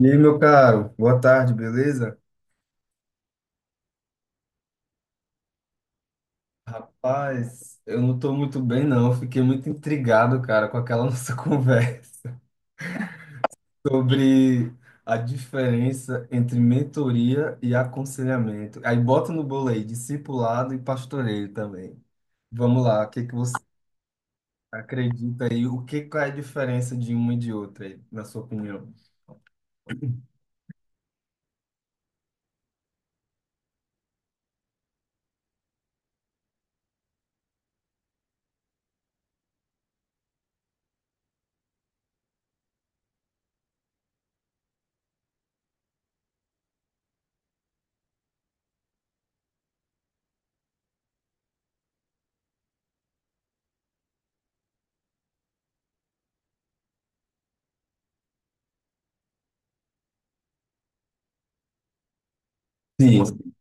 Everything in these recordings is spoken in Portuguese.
E aí, meu caro, boa tarde, beleza? Rapaz, eu não tô muito bem, não. Eu fiquei muito intrigado, cara, com aquela nossa conversa sobre a diferença entre mentoria e aconselhamento. Aí bota no bolo aí, discipulado e pastoreio também. Vamos lá, o que que você acredita aí? O que qual é a diferença de uma e de outra aí, na sua opinião? Sim,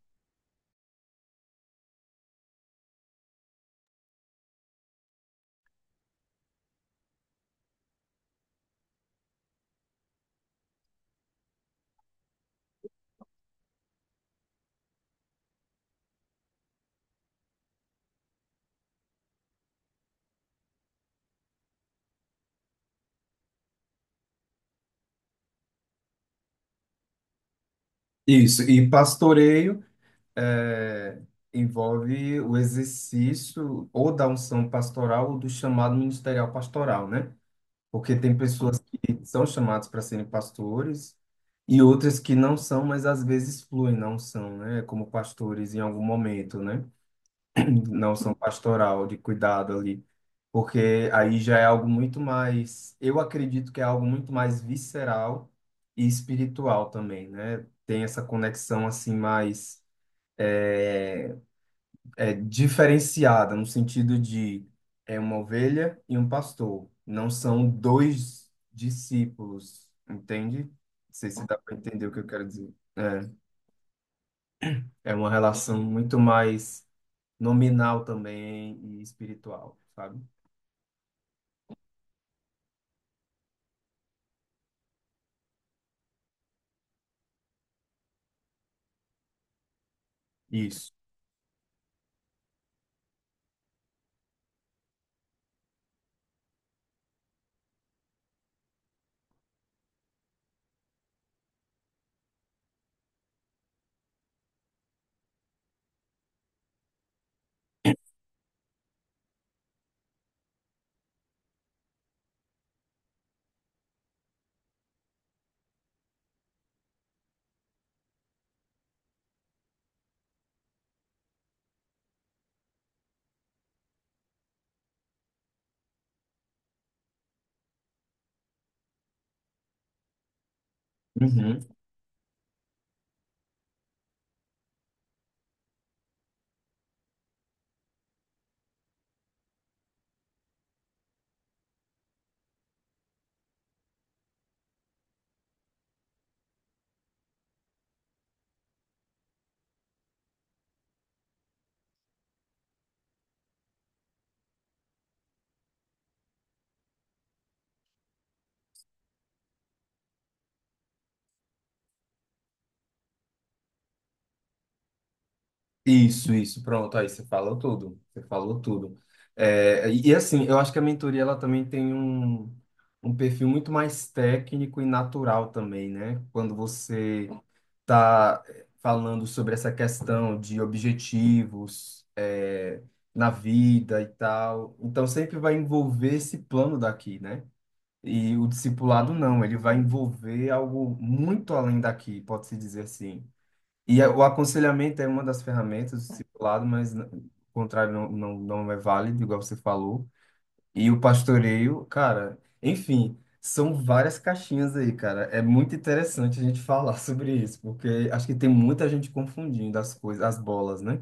isso. E pastoreio é, envolve o exercício ou da unção pastoral ou do chamado ministerial pastoral, né? Porque tem pessoas que são chamadas para serem pastores e outras que não são, mas às vezes fluem na unção, né? Como pastores em algum momento, né? Na unção pastoral, de cuidado ali. Porque aí já é algo muito mais, eu acredito que é algo muito mais visceral e espiritual também, né? Tem essa conexão assim mais é diferenciada no sentido de é uma ovelha e um pastor, não são dois discípulos, entende? Não sei se dá para entender o que eu quero dizer. É, é uma relação muito mais nominal também e espiritual, sabe? Isso. Uhum. Isso, pronto, aí você falou tudo, você falou tudo. É, e assim, eu acho que a mentoria ela também tem um, um perfil muito mais técnico e natural também, né? Quando você tá falando sobre essa questão de objetivos, é, na vida e tal. Então sempre vai envolver esse plano daqui, né? E o discipulado não, ele vai envolver algo muito além daqui, pode-se dizer assim. E o aconselhamento é uma das ferramentas do discipulado, mas o contrário não, não é válido, igual você falou. E o pastoreio, cara, enfim, são várias caixinhas aí, cara. É muito interessante a gente falar sobre isso, porque acho que tem muita gente confundindo as coisas, as bolas, né?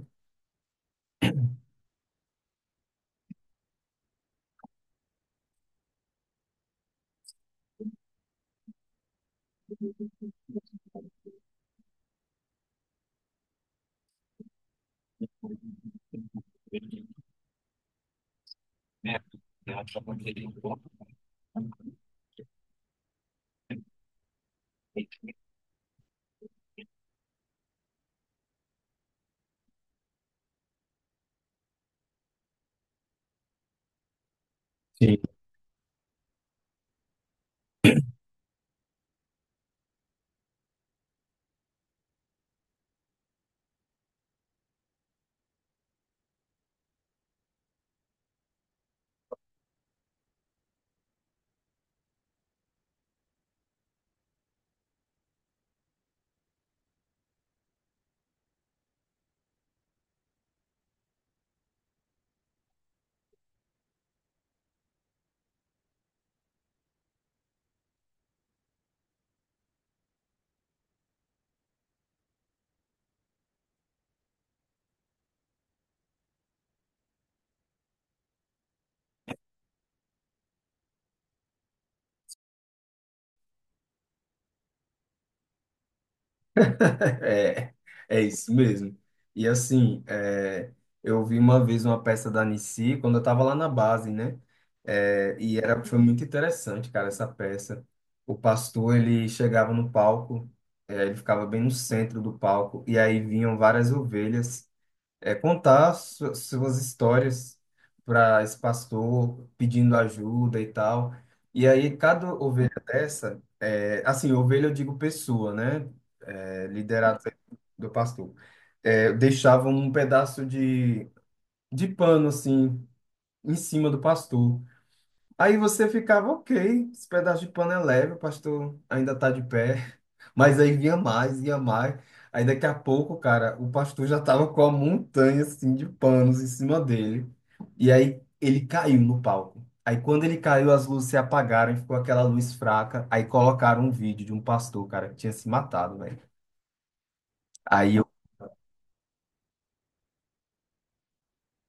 Sim. É, é isso mesmo. E assim, é, eu vi uma vez uma peça da Nissi quando eu estava lá na base, né? É, e era, foi muito interessante, cara, essa peça. O pastor, ele chegava no palco, é, ele ficava bem no centro do palco, e aí vinham várias ovelhas é, contar suas histórias para esse pastor, pedindo ajuda e tal. E aí, cada ovelha dessa, é, assim, ovelha eu digo pessoa, né? É, liderado do pastor. É, deixava um pedaço de pano, assim, em cima do pastor. Aí você ficava, ok, esse pedaço de pano é leve, o pastor ainda está de pé. Mas aí ia mais, ia mais. Aí daqui a pouco, cara, o pastor já tava com a montanha assim de panos em cima dele. E aí ele caiu no palco. Aí quando ele caiu, as luzes se apagaram e ficou aquela luz fraca. Aí colocaram um vídeo de um pastor, cara, que tinha se matado, velho. Aí eu,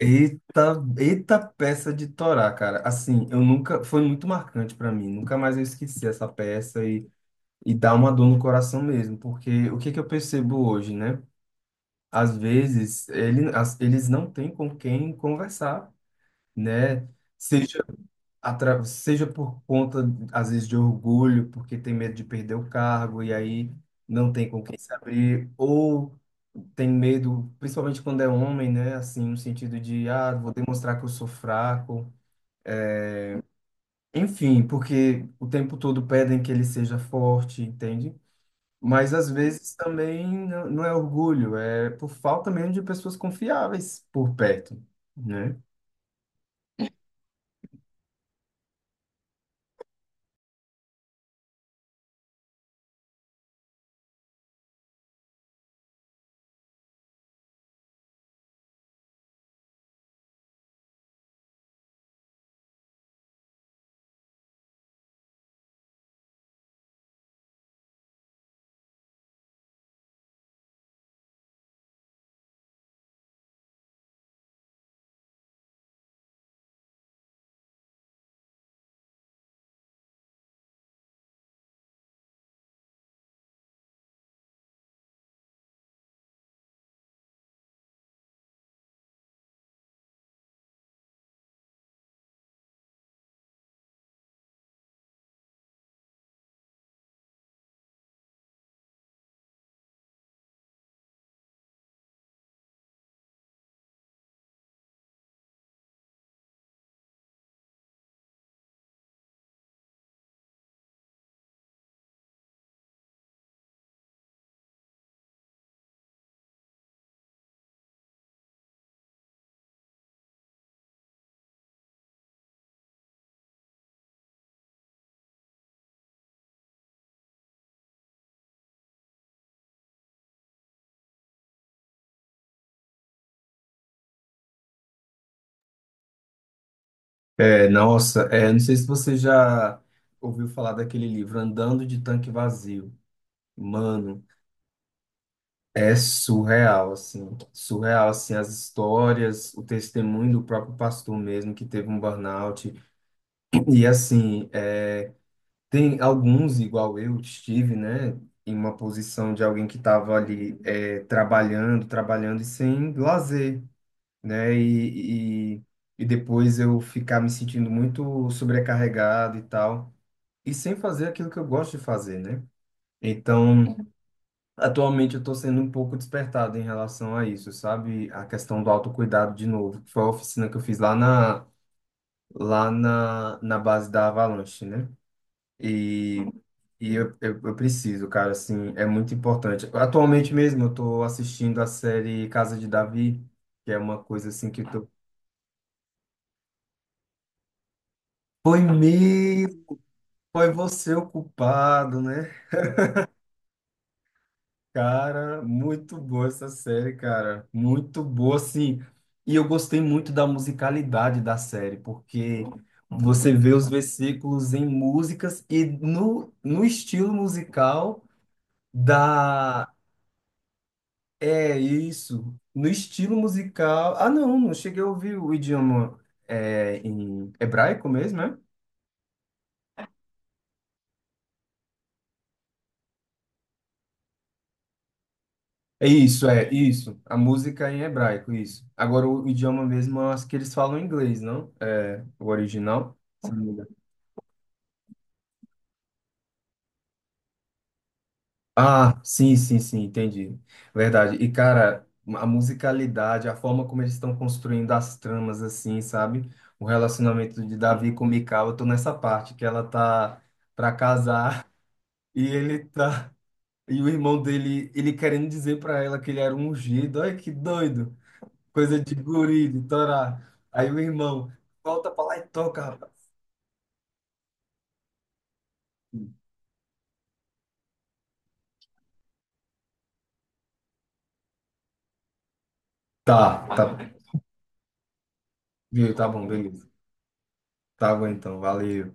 eita, eita peça de Torá, cara. Assim, eu nunca, foi muito marcante pra mim. Nunca mais eu esqueci essa peça e dá uma dor no coração mesmo, porque o que que eu percebo hoje, né? Às vezes ele, eles não têm com quem conversar, né? Seja, atra, seja por conta, às vezes, de orgulho, porque tem medo de perder o cargo e aí não tem com quem se abrir, ou tem medo, principalmente quando é homem, né? Assim, no sentido de, ah, vou demonstrar que eu sou fraco. Enfim, porque o tempo todo pedem que ele seja forte, entende? Mas às vezes também não é orgulho, é por falta mesmo de pessoas confiáveis por perto, né? É, nossa, é, não sei se você já ouviu falar daquele livro Andando de Tanque Vazio. Mano, é surreal, assim, as histórias, o testemunho do próprio pastor mesmo que teve um burnout. E assim, é, tem alguns, igual eu, estive, né, em uma posição de alguém que estava ali é, trabalhando, trabalhando e sem lazer, né, e depois eu ficar me sentindo muito sobrecarregado e tal, e sem fazer aquilo que eu gosto de fazer, né? Então, atualmente eu estou sendo um pouco despertado em relação a isso, sabe? A questão do autocuidado de novo, que foi a oficina que eu fiz lá na, na base da Avalanche, né? E, eu preciso, cara, assim, é muito importante. Atualmente mesmo eu tô assistindo a série Casa de Davi, que é uma coisa assim que eu tô. Foi mesmo, foi você o culpado, né? Cara, muito boa essa série, cara. Muito boa, assim. E eu gostei muito da musicalidade da série, porque você vê os versículos em músicas e no, no estilo musical da é isso. No estilo musical. Ah, não, não cheguei a ouvir o idioma é, em hebraico mesmo, né? É isso, é isso. A música em hebraico, isso. Agora o idioma mesmo, eu acho que eles falam inglês, não? É o original. Se não me engano. Ah, sim, sim, sim, entendi. Verdade. E, cara, a musicalidade, a forma como eles estão construindo as tramas, assim, sabe? O relacionamento de Davi com Mical, eu tô nessa parte que ela tá pra casar e ele tá. E o irmão dele, ele querendo dizer pra ela que ele era um ungido. Olha que doido. Coisa de guri, de Torá. Aí o irmão, volta pra lá e toca, rapaz. Tá, tá. Viu? Tá bom, beleza. Tá bom então, valeu.